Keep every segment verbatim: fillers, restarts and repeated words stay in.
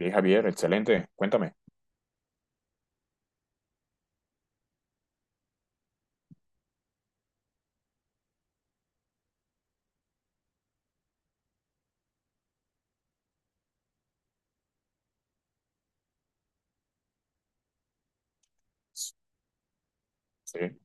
Sí, Javier, excelente. Cuéntame. Sí.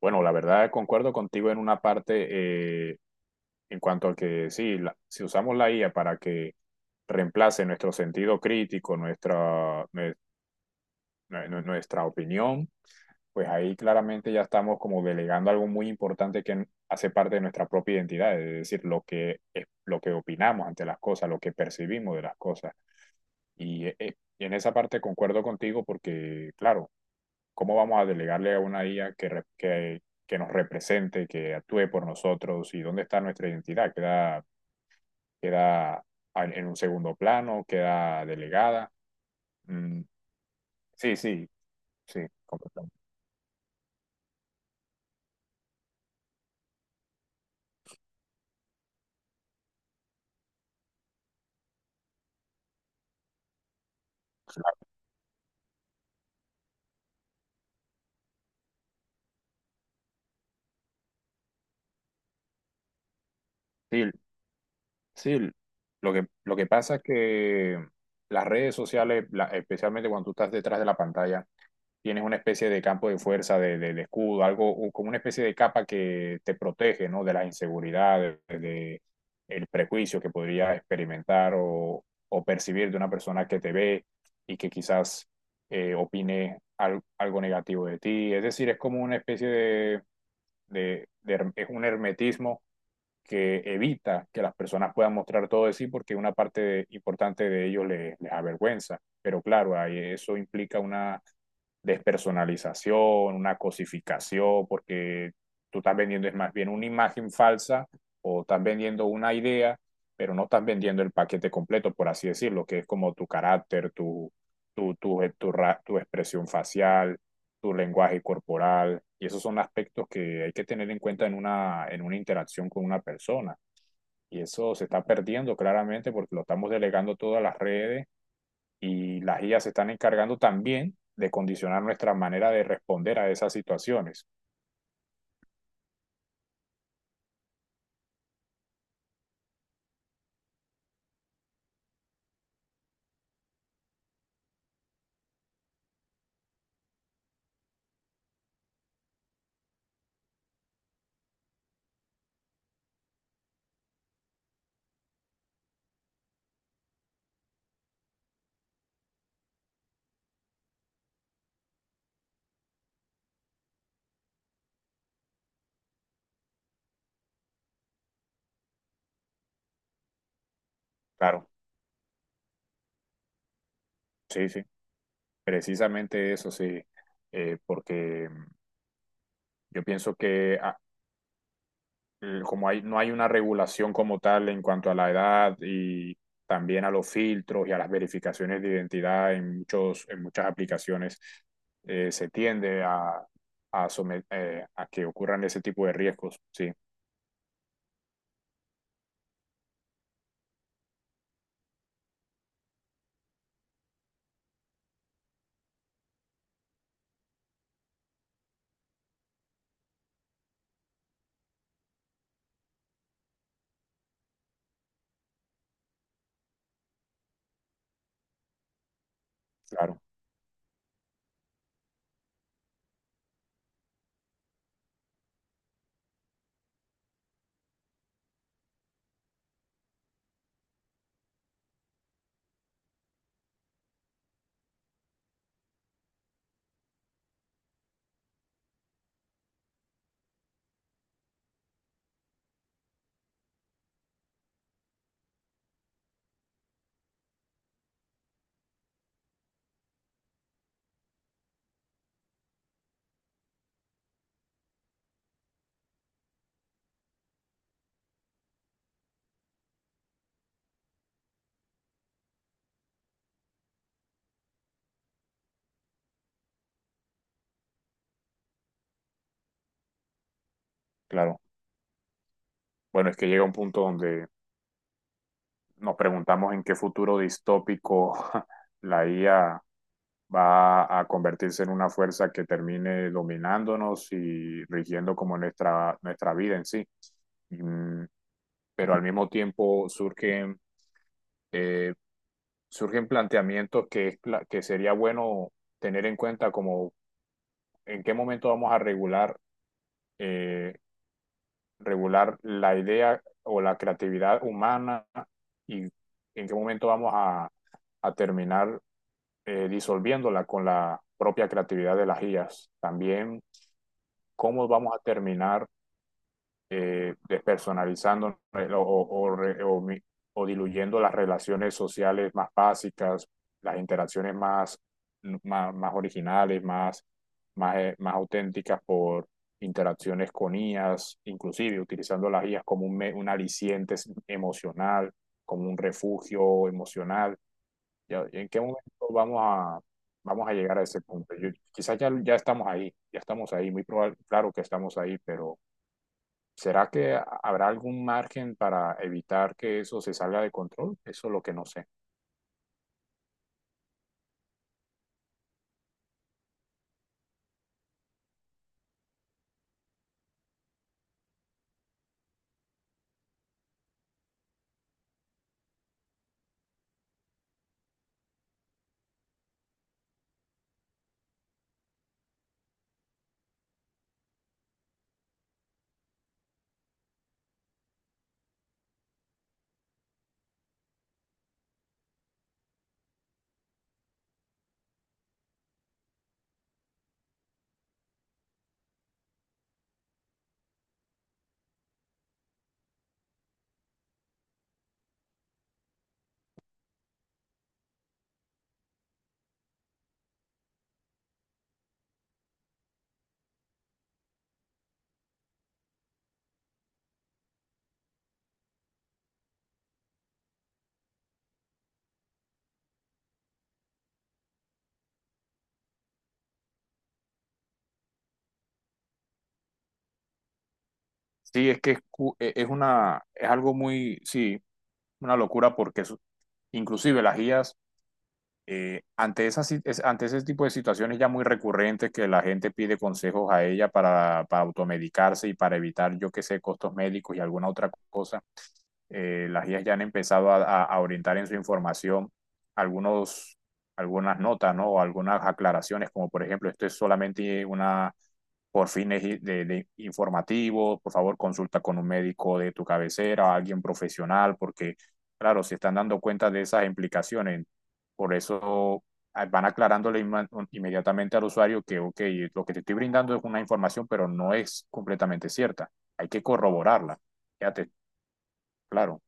Bueno, la verdad concuerdo contigo en una parte eh, en cuanto a que sí, la- si usamos la I A para que reemplace nuestro sentido crítico, nuestra, nue- nue- nuestra opinión, pues ahí claramente ya estamos como delegando algo muy importante que hace parte de nuestra propia identidad, es decir, lo que, es- lo que opinamos ante las cosas, lo que percibimos de las cosas. Y eh, eh, en esa parte concuerdo contigo porque, claro, ¿cómo vamos a delegarle a una I A que, re- que, que nos represente, que actúe por nosotros? ¿Y dónde está nuestra identidad? ¿Queda, queda en en un segundo plano? ¿Queda delegada? Mm, sí, sí, sí, completamente. Sí, sí, lo que, lo que pasa es que las redes sociales, la- especialmente cuando tú estás detrás de la pantalla, tienes una especie de campo de fuerza, de, de, de escudo, algo o como una especie de capa que te protege, ¿no? De las inseguridades, de, de el prejuicio que podría experimentar o, o percibir de una persona que te ve y que quizás eh, opine al- algo negativo de ti. Es decir, es como una especie de, de- de her- es un hermetismo que evita que las personas puedan mostrar todo de sí porque una parte de- importante de ellos les les avergüenza. Pero claro, ahí eso implica una despersonalización, una cosificación, porque tú estás vendiendo es más bien una imagen falsa o estás vendiendo una idea, pero no estás vendiendo el paquete completo, por así decirlo, que es como tu carácter, tu, tu, tu, tu, ra- tu expresión facial, tu lenguaje corporal, y esos son aspectos que hay que tener en cuenta en una, en una interacción con una persona. Y eso se está perdiendo claramente porque lo estamos delegando todas las redes y las I A se están encargando también de condicionar nuestra manera de responder a esas situaciones. Claro, sí, sí, precisamente eso, sí. Eh, porque yo pienso que ah, el- como hay, no hay una regulación como tal en cuanto a la edad y también a los filtros y a las verificaciones de identidad en muchos, en muchas aplicaciones, eh, se tiende a, a, somet- eh, a que ocurran ese tipo de riesgos. Sí, claro, claro. Bueno, es que llega un punto donde nos preguntamos en qué futuro distópico la I A va a convertirse en una fuerza que termine dominándonos y rigiendo como nuestra, nuestra vida en sí. Mm. Pero al mismo tiempo surgen, eh, surgen planteamientos que, es pla- que sería bueno tener en cuenta como en qué momento vamos a regular eh, regular la idea o la creatividad humana y en qué momento vamos a, a terminar eh, disolviéndola con la propia creatividad de las I As. También cómo vamos a terminar eh, despersonalizando eh, o, o, o, o, diluyendo las relaciones sociales más básicas, las interacciones más, más, más originales, más, más, eh, más auténticas por interacciones con I As, inclusive utilizando las I As como un, un aliciente emocional, como un refugio emocional. ¿Ya? ¿En qué momento vamos a, vamos a llegar a ese punto? Yo, quizás ya, ya estamos ahí, ya estamos ahí, muy probable, claro que estamos ahí, pero ¿será que habrá algún margen para evitar que eso se salga de control? Eso es lo que no sé. Sí, es que es, cu- e- es una, es algo muy, sí, una locura porque es- inclusive las guías, eh, ante esas, si- es- ante ese tipo de situaciones ya muy recurrentes que la gente pide consejos a ella para, para automedicarse y para evitar, yo qué sé, costos médicos y alguna otra cosa. Eh, las guías ya han empezado a, a orientar en su información algunos, algunas notas, ¿no? O algunas aclaraciones, como por ejemplo, esto es solamente una por fines de, de informativos, por favor consulta con un médico de tu cabecera, alguien profesional, porque claro, se están dando cuenta de esas implicaciones. Por eso ah, van aclarándole inma- inmediatamente al usuario que, ok, lo que te estoy brindando es una información, pero no es completamente cierta. Hay que corroborarla. Fíjate, claro.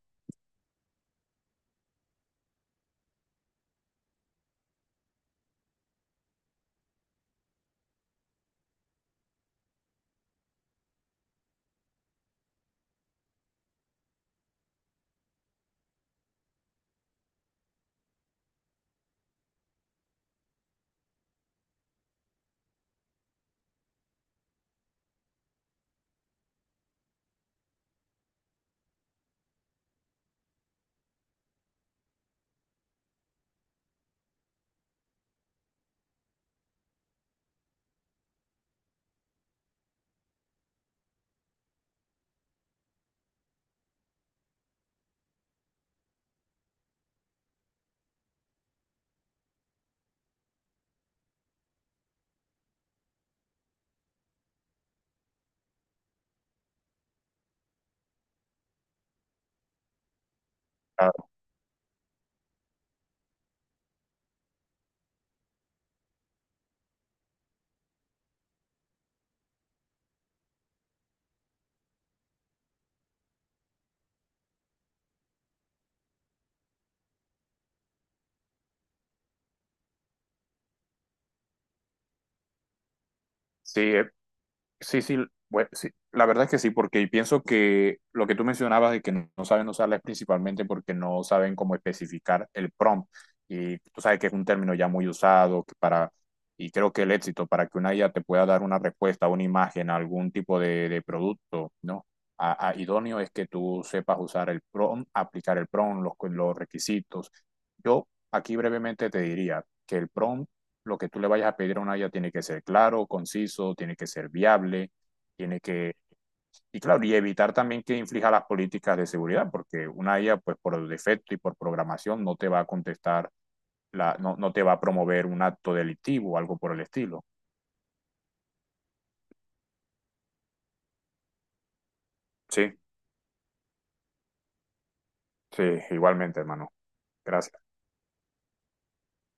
Sí, eh, sí, sí, bue- sí, la verdad es que sí, porque pienso que lo que tú mencionabas de que no no saben usarla es principalmente porque no saben cómo especificar el prompt. Y tú sabes que es un término ya muy usado que para, y creo que el éxito para que una I A te pueda dar una respuesta, una imagen, algún tipo de, de producto, ¿no? A, a- idóneo es que tú sepas usar el prompt, aplicar el prompt, los, los requisitos. Yo aquí brevemente te diría que el prompt lo que tú le vayas a pedir a una I A tiene que ser claro, conciso, tiene que ser viable, tiene que... Y claro, y evitar también que inflija las políticas de seguridad, porque una I A, pues por defecto y por programación, no te va a contestar, la, no, no te va a promover un acto delictivo o algo por el estilo. Sí, sí, igualmente, hermano. Gracias.